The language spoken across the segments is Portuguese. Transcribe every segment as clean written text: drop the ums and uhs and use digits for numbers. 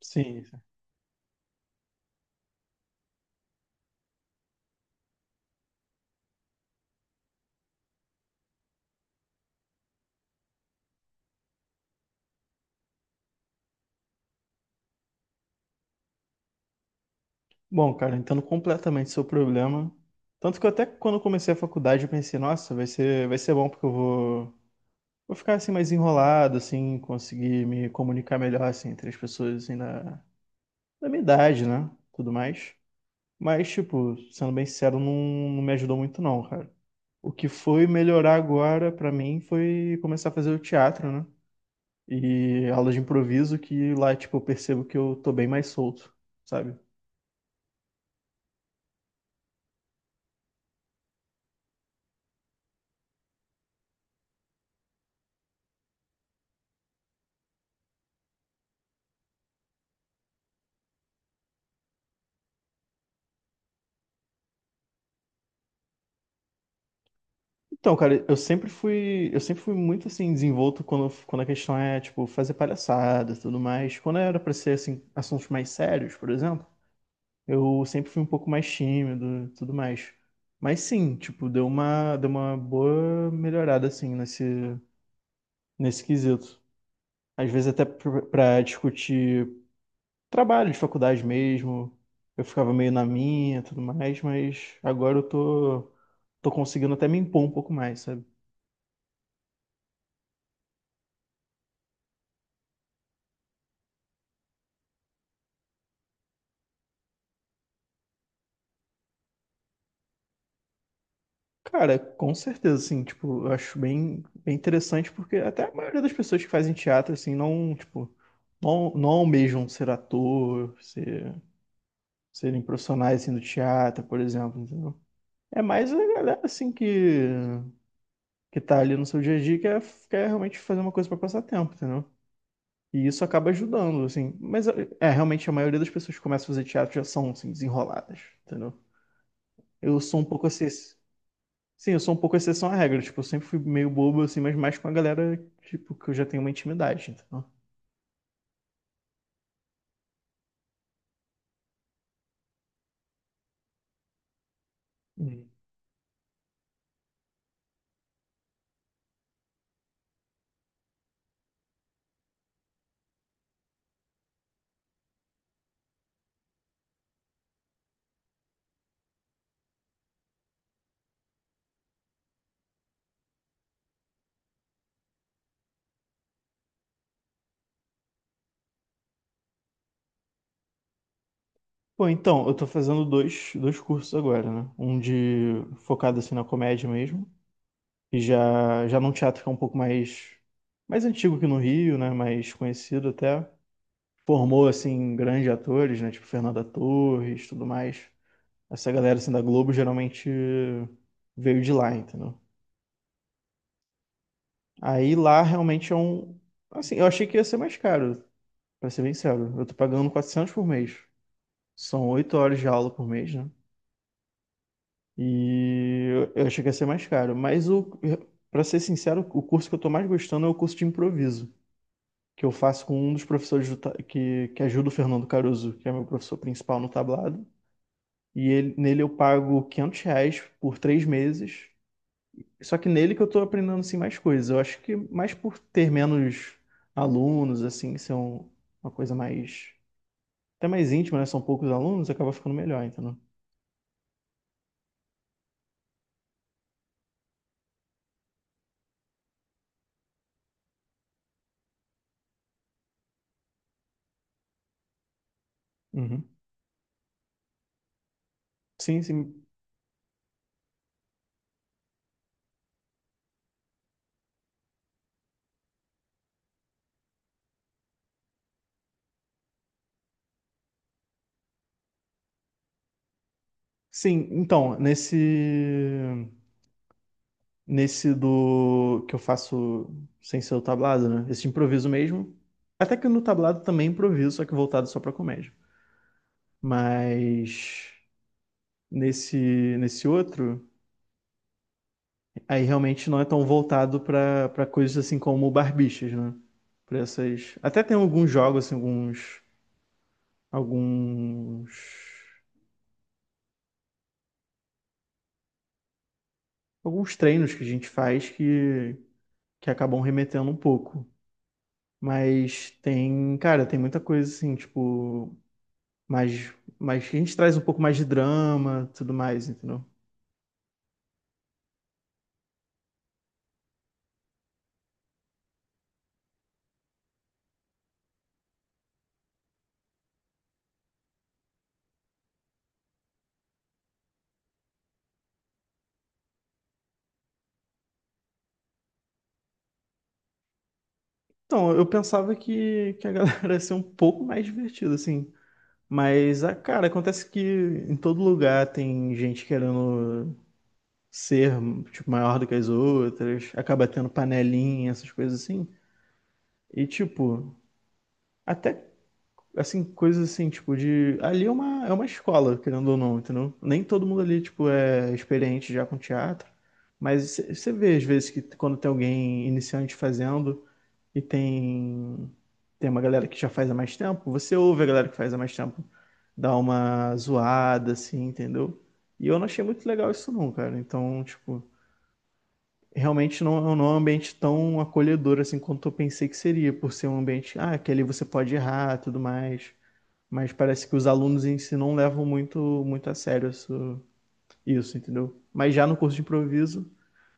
Sim. Bom, cara, entendo completamente seu problema. Tanto que eu até quando eu comecei a faculdade eu pensei, nossa, vai ser bom porque vou ficar assim mais enrolado, assim, conseguir me comunicar melhor assim entre as pessoas assim da minha idade, né? Tudo mais. Mas, tipo, sendo bem sincero, não, não me ajudou muito não, cara. O que foi melhorar agora pra mim foi começar a fazer o teatro, né? E aula de improviso que lá, tipo, eu percebo que eu tô bem mais solto, sabe? Então, cara, eu sempre fui muito assim desenvolto quando a questão é tipo fazer palhaçada, e tudo mais. Quando era pra ser assim assuntos mais sérios, por exemplo, eu sempre fui um pouco mais tímido, e tudo mais. Mas sim, tipo, deu uma boa melhorada assim nesse quesito. Às vezes pra discutir trabalho de faculdade mesmo, eu ficava meio na minha, e tudo mais, mas agora eu tô tô conseguindo até me impor um pouco mais, sabe? Cara, com certeza, assim, tipo, eu acho bem interessante, porque até a maioria das pessoas que fazem teatro, assim, não, tipo, não, não almejam ser ator, serem profissionais, assim, do teatro, por exemplo, entendeu? É mais a galera, assim, que tá ali no seu dia a dia, quer realmente fazer uma coisa pra passar tempo, entendeu? E isso acaba ajudando, assim. Mas, é, realmente, a maioria das pessoas que começam a fazer teatro já são, assim, desenroladas, entendeu? Eu sou um pouco assim, sim, eu sou um pouco exceção à regra. Tipo, eu sempre fui meio bobo, assim, mas mais com a galera, tipo, que eu já tenho uma intimidade, então. Uhum. Pô, então, eu tô fazendo dois cursos agora, né? Um de focado, assim, na comédia mesmo. Já num teatro que é um pouco mais antigo que no Rio, né? Mais conhecido até. Formou, assim, grandes atores, né? Tipo, Fernanda Torres, tudo mais. Essa galera, assim, da Globo, geralmente veio de lá, entendeu? Aí lá realmente é um... Assim, eu achei que ia ser mais caro. Pra ser bem sério, eu tô pagando 400 por mês. São 8 horas de aula por mês, né? E eu achei que ia ser mais caro. Mas, o, pra ser sincero, o curso que eu tô mais gostando é o curso de improviso, que eu faço com um dos professores que ajuda o Fernando Caruso, que é meu professor principal no tablado. E nele eu pago R$ 500 por 3 meses. Só que nele que eu tô aprendendo, assim, mais coisas. Eu acho que mais por ter menos alunos, assim, uma coisa mais... até mais íntimo, né? São poucos alunos, acaba ficando melhor, entendeu? Uhum. Sim, sim. Sim, então, nesse do que eu faço sem ser o tablado, né? Esse improviso mesmo. Até que no tablado também improviso, só que voltado só pra comédia. Mas nesse outro, aí realmente não é tão voltado pra para coisas assim como barbichas, né? Pra essas, até tem alguns jogos assim, alguns alguns treinos que a gente faz que acabam remetendo um pouco. Mas tem, cara, tem muita coisa assim, tipo, mais que a gente traz um pouco mais de drama, tudo mais, entendeu? Então, eu pensava que a galera ia ser um pouco mais divertida, assim. Mas, ah, cara, acontece que em todo lugar tem gente querendo ser, tipo, maior do que as outras, acaba tendo panelinha, essas coisas assim. E, tipo, até assim, coisas assim, tipo, de. Ali é é uma escola, querendo ou não, entendeu? Nem todo mundo ali, tipo, é experiente já com teatro, mas você vê, às vezes, que quando tem alguém iniciante fazendo e tem, tem uma galera que já faz há mais tempo, você ouve a galera que faz há mais tempo dar uma zoada, assim, entendeu? E eu não achei muito legal isso, não, cara. Então, tipo. Realmente não, não é um ambiente tão acolhedor assim quanto eu pensei que seria, por ser um ambiente, ah, que ali você pode errar, tudo mais. Mas parece que os alunos em si não levam muito, muito a sério isso, entendeu? Mas já no curso de improviso,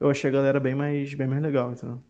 eu achei a galera bem mais legal, entendeu?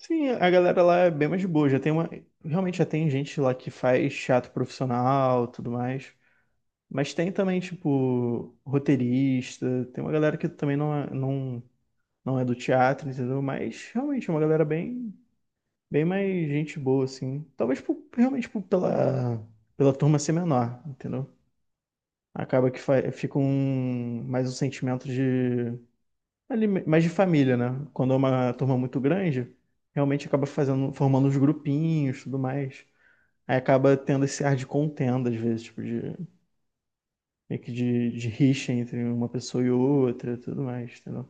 Sim, a galera lá é bem mais de boa. Já tem uma. Realmente já tem gente lá que faz teatro profissional, tudo mais. Mas tem também, tipo, roteirista. Tem uma galera que também não, não é do teatro, entendeu? Mas realmente é uma galera bem mais gente boa, assim. Realmente pela turma ser menor, entendeu? Acaba que fica mais um sentimento de, ali, mais de família, né? Quando é uma turma muito grande, realmente acaba fazendo, formando os grupinhos, tudo mais. Aí acaba tendo esse ar de contenda, às vezes, tipo, de, meio que de rixa entre uma pessoa e outra, tudo mais, entendeu?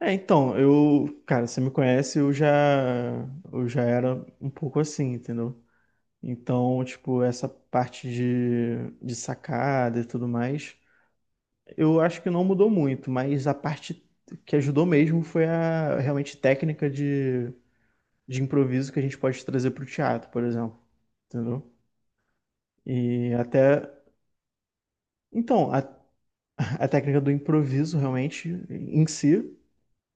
É, então, eu, cara, você me conhece, eu já era um pouco assim, entendeu? Então, tipo, essa parte de sacada e tudo mais. Eu acho que não mudou muito, mas a parte que ajudou mesmo foi a realmente técnica de improviso que a gente pode trazer para o teatro, por exemplo. Entendeu? E até. Então, a técnica do improviso realmente em si.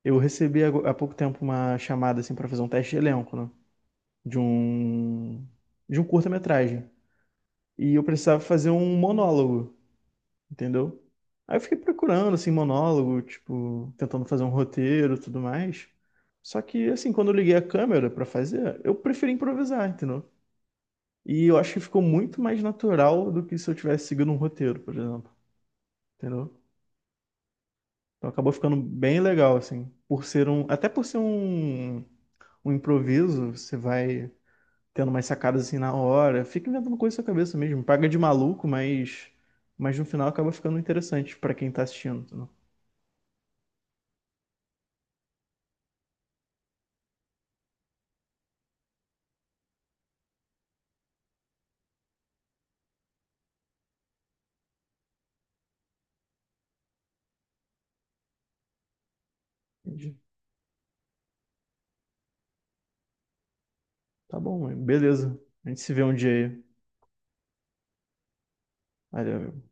Eu recebi há pouco tempo uma chamada assim para fazer um teste de elenco, né? De um de um curta-metragem. E eu precisava fazer um monólogo, entendeu? Aí eu fiquei procurando, assim, monólogo, tipo, tentando fazer um roteiro e tudo mais. Só que, assim, quando eu liguei a câmera pra fazer, eu preferi improvisar, entendeu? E eu acho que ficou muito mais natural do que se eu tivesse seguido um roteiro, por exemplo, entendeu? Então acabou ficando bem legal, assim, por ser um, um improviso, você vai tendo umas sacadas assim na hora, fica inventando coisa na sua cabeça mesmo, paga de maluco, mas no final acaba ficando interessante pra quem tá assistindo, entendeu? Tá bom, mãe. Beleza. A gente se vê um dia aí. Valeu, meu.